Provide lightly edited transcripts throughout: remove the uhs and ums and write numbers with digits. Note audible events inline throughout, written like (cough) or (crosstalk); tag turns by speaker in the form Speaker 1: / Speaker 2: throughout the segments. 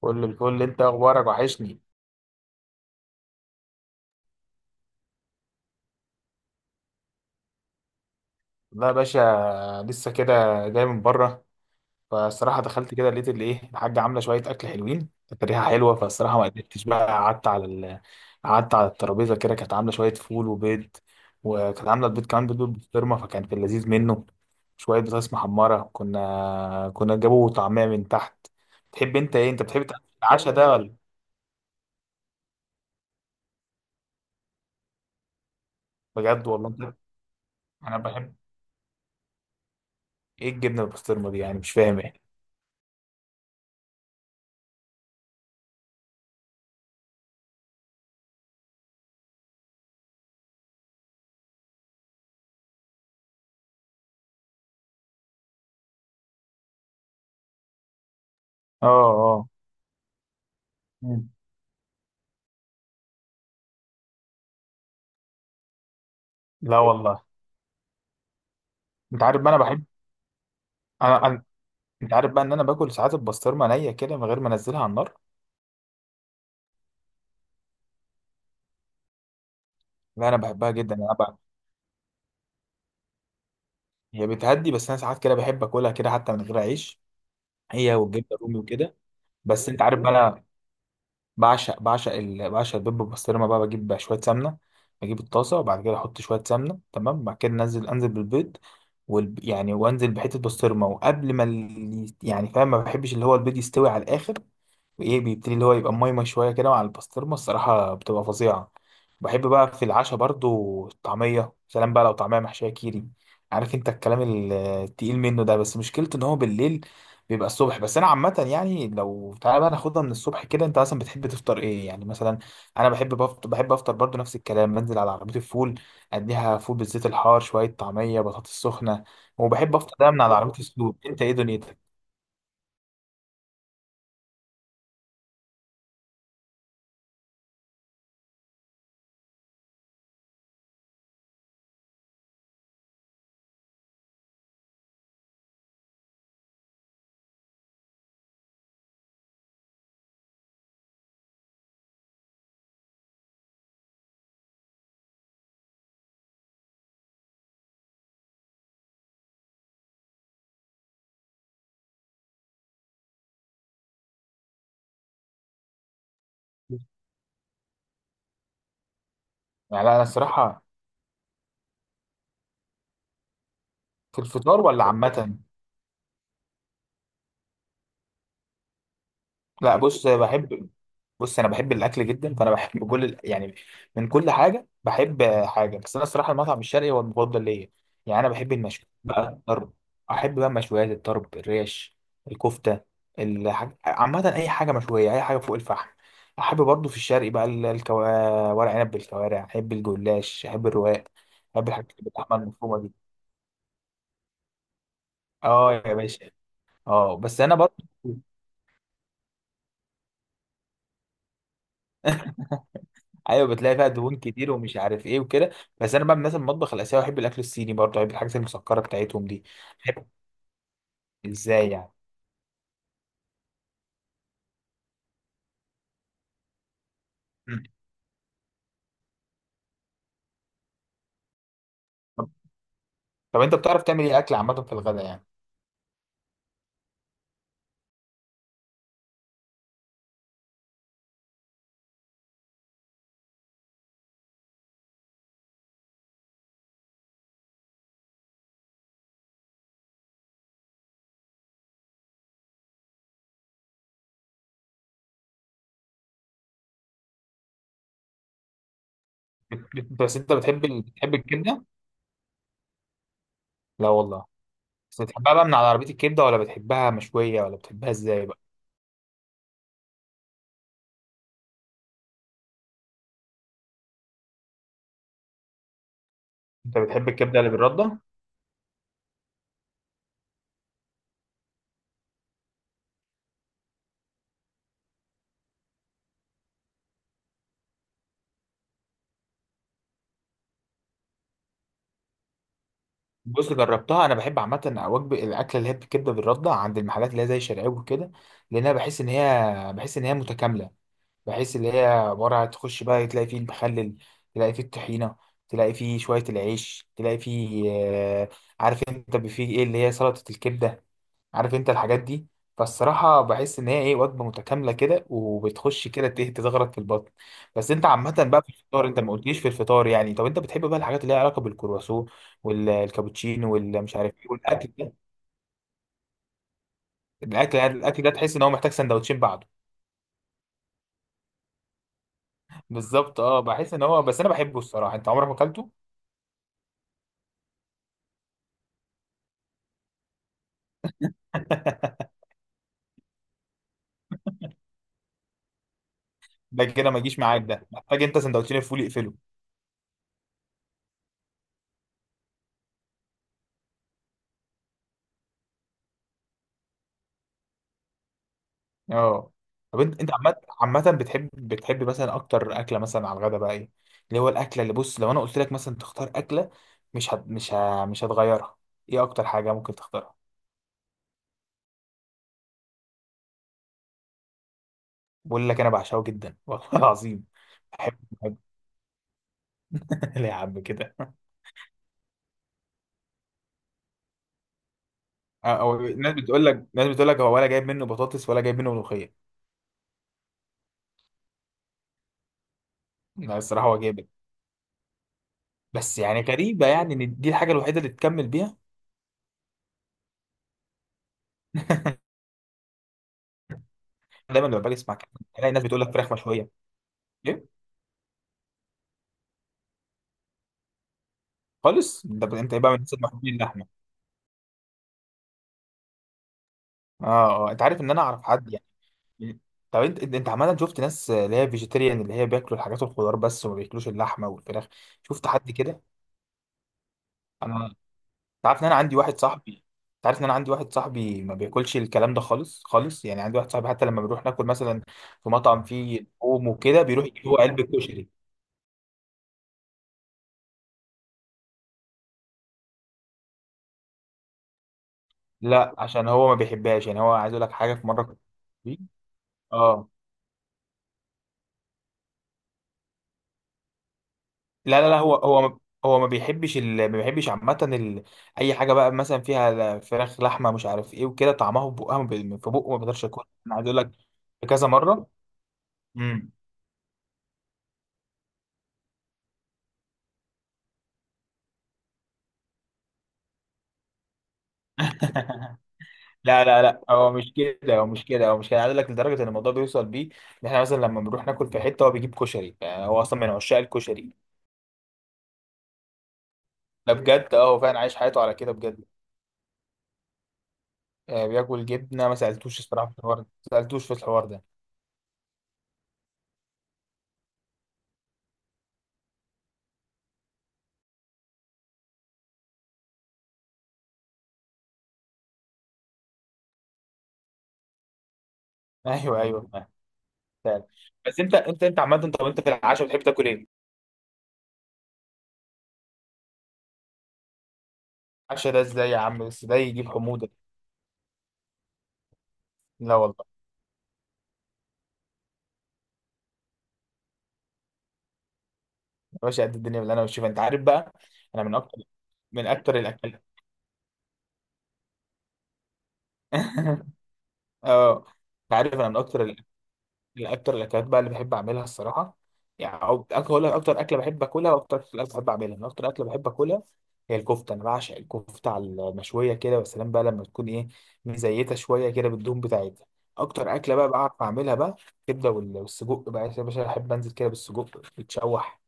Speaker 1: كل الفل، انت اخبارك وحشني. لا يا باشا، لسه كده. جاي من بره. فالصراحه دخلت كده لقيت اللي ايه، الحاجه عامله شويه اكل حلوين، كانت ريحه حلوه، فالصراحه ما قدرتش بقى. قعدت على الترابيزه كده، كانت عامله شويه فول وبيض. وكانت عامله البيض كمان بيض بالبسطرمه، فكان في اللذيذ منه. شويه بطاطس محمره، كنا جابوا طعميه من تحت. تحب انت ايه؟ انت بتحب تعمل العشاء ده ولا؟ بجد والله انت. انا بحب. ايه الجبنه بالبسطرمه دي يعني؟ مش فاهم ايه. اه، اه. مم. لا والله. انت عارف بقى انا بحب. انا أنا- انت عارف بقى ان انا باكل ساعات البسطرمه نيه كده من غير ما انزلها على النار. لا، انا بحبها جدا، انا بقى. هي بتهدي، بس انا ساعات كده بحب اكلها كده حتى من غير عيش. هي والجبنه الرومي وكده. بس انت عارف بقى انا بعشق البيض بالبسطرمه بقى. بجيب بقى شويه سمنه، بجيب الطاسه، وبعد كده احط شويه سمنه، تمام. بعد كده انزل بالبيض يعني وانزل بحته بسطرمه، وقبل ما يعني فاهم، ما بحبش اللي هو البيض يستوي على الاخر. ايه، بيبتدي اللي هو يبقى مايمة شوية كده، مع البسطرمة الصراحة بتبقى فظيعة. بحب بقى في العشاء برضو الطعمية، سلام بقى لو طعمية محشية كيري. عارف انت الكلام التقيل منه ده، بس مشكلته ان هو بالليل بيبقى الصبح. بس انا عامة، يعني لو تعالى بقى ناخدها من الصبح كده، انت مثلا بتحب تفطر ايه يعني مثلا؟ انا بحب افطر برضو نفس الكلام. بنزل على عربية الفول، اديها فول بالزيت الحار، شوية طعمية، بطاطس سخنة. وبحب افطر دايما من على عربية السلوك. انت ايه دنيتك؟ يعني لا، انا الصراحة. في الفطار ولا عامة؟ لا، بص أنا بحب. بص انا بحب الاكل جدا، فانا بحب كل يعني من كل حاجه بحب حاجه، بس انا الصراحه المطعم الشرقي هو المفضل ليا. يعني انا بحب المشويات بقى، الطرب. احب بقى مشويات الطرب، الريش، الكفته. عامه اي حاجه مشويه، اي حاجه فوق الفحم. احب برضو في الشرقي بقى ورق عنب بالكوارع. احب الجلاش، احب الرواق. احب الحاجات اللي باللحمه المفرومه دي. اه يا باشا. اه، بس انا برضو (laughs) ايوه، بتلاقي فيها دهون كتير ومش عارف ايه وكده. بس انا بقى من الناس المطبخ الاسيوي. بحب الاكل الصيني برضه، بحب الحاجات المسكره بتاعتهم دي. بحب. ازاي يعني؟ مم. طب طب انت بتعرف تعمل ايه اكل عامه في الغداء يعني؟ بس انت بتحب بتحب الكبده. لا والله. بس بتحبها بقى من على عربيه الكبده، ولا بتحبها مشويه، ولا بتحبها ازاي بقى؟ انت بتحب الكبده اللي بالرده. بص، جربتها، انا بحب عامه وجبه الاكله اللي هي بالكبده بالرده عند المحلات اللي هي زي شرقاوي وكده، لان انا بحس ان هي متكامله. بحيث اللي هي عبارة عن تخش بقى تلاقي فيه المخلل، تلاقي فيه الطحينة، تلاقي فيه شوية العيش، تلاقي فيه آه، عارف انت فيه ايه اللي هي سلطة الكبدة. عارف انت الحاجات دي. فالصراحة بحس ان هي ايه، وجبة متكاملة كده، وبتخش كده تزغرط في البطن. بس انت عامة بقى في الفطار، انت ما قلتليش في الفطار يعني. طب انت بتحب بقى الحاجات اللي ليها علاقة بالكرواسون والكابتشينو والمش عارف ايه والاكل ده؟ الاكل يعني، الاكل ده تحس ان هو محتاج سندوتشين بعده. (laughs) بالظبط، اه، بحس ان هو، بس انا بحبه الصراحة. انت عمرك ما اكلته؟ (laughs) ده كده ما يجيش معاك، ده محتاج انت سندوتشين الفول يقفله. اه. طب انت عامه، عامه بتحب، مثلا اكتر اكله مثلا على الغدا بقى ايه، اللي هو الاكله اللي، بص لو انا قلت لك مثلا تختار اكله مش هت... مش ه... مش هتغيرها، ايه اكتر حاجه ممكن تختارها؟ بقول لك، انا بعشقه جدا والله (laughs) العظيم. بحب بحب. (laughs) ليه يا عم كده؟ اه، او الناس بتقول لك، هو ولا جايب منه بطاطس ولا جايب منه ملوخيه. لا الصراحه هو جايب. بس يعني غريبه يعني، ان دي الحاجه الوحيده اللي تكمل بيها. دايما لما باجي اسمع كلام، الاقي ناس بتقول لك فراخ مشويه. خالص. انت يبقى من الناس المحبين اللحمه. اه. اه، انت عارف ان انا اعرف حد، يعني. طب انت عمال، شفت ناس اللي هي فيجيتيريان، اللي هي بياكلوا الحاجات والخضار بس وما بياكلوش اللحمه والفراخ؟ شفت حد كده؟ انت عارف ان انا عندي واحد صاحبي. انت عارف ان انا عندي واحد صاحبي ما بياكلش الكلام ده خالص خالص، يعني عندي واحد صاحبي حتى لما بنروح ناكل مثلا في مطعم فيه لحوم وكده، بيروح يجيب هو علبه كشري. لا، عشان هو ما بيحبهاش، يعني هو عايز اقول لك حاجه، في مره اه، لا لا لا، هو ما بيحبش عامة أي حاجة بقى مثلا فيها فراخ، لحمة، مش عارف إيه وكده، طعمها في بقها، ما في بقه ما بيقدرش ياكلها. أنا عايز أقول لك كذا مرة. امم. (laughs) لا لا لا، هو مش كده، هو مش كده، هو مش كده، عايز اقول لك لدرجه ان الموضوع بيوصل بيه ان احنا مثلا لما بنروح ناكل في حته، هو بيجيب كشري، يعني هو اصلا من عشاق الكشري. ده بجد، اه، هو فعلا عايش حياته على كده بجد. آه، بياكل جبنه، ما سالتوش الصراحه في الحوار ده. ما سالتوش في الحوار ده. (laughs) ايوه، ايوه، فعلا. بس انت عامه، طب انت في العشاء بتحب تاكل ايه؟ العشاء ده ازاي يا عم؟ بس ده يجيب حموضه. لا والله. يا باشا، قد الدنيا باللي انا بشوفها، انت عارف بقى، انا من اكتر الاكل. (laughs) اه. انت عارف انا من اكتر الاكلات بقى اللي بحب اعملها، الصراحه، يعني. او اقول لك، اكتر اكله بحب اكلها، واكتر اكله بحب اعملها. انا اكتر اكله بحب اكلها هي الكفته. انا بعشق الكفته على المشويه كده والسلام بقى، لما تكون ايه، مزيته شويه كده بالدهون بتاعتها. اكتر اكله بقى بعرف اعملها بقى، الكبده والسجق بقى يا باشا. احب انزل كده بالسجق يتشوح،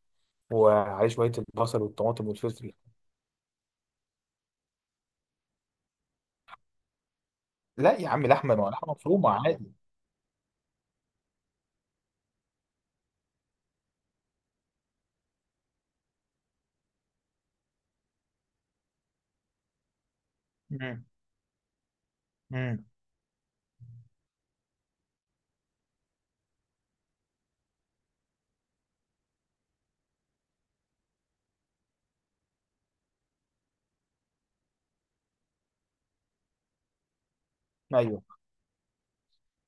Speaker 1: وعليه شويه البصل والطماطم والفلفل. لا يا عم، لحمه، ما هو لحمه مفرومه عادي. امم، امم. ايوه.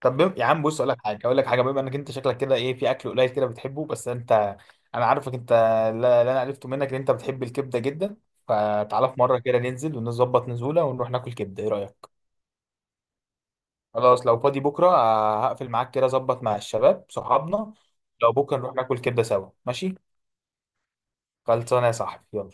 Speaker 1: طب يا عم، بص اقول لك حاجه، بما انك انت شكلك كده ايه، في اكل قليل كده بتحبه بس انت. انا عارفك انت، لا لا، انا عرفته منك، ان انت بتحب الكبده جدا. فتعالى في مره كده ننزل ونظبط نزوله، ونروح ناكل كبده، ايه رايك؟ خلاص، لو فاضي بكره آه، هقفل معاك كده، ظبط مع الشباب صحابنا لو بكره نروح ناكل كبده سوا، ماشي؟ خلصانه يا صاحبي، يلا.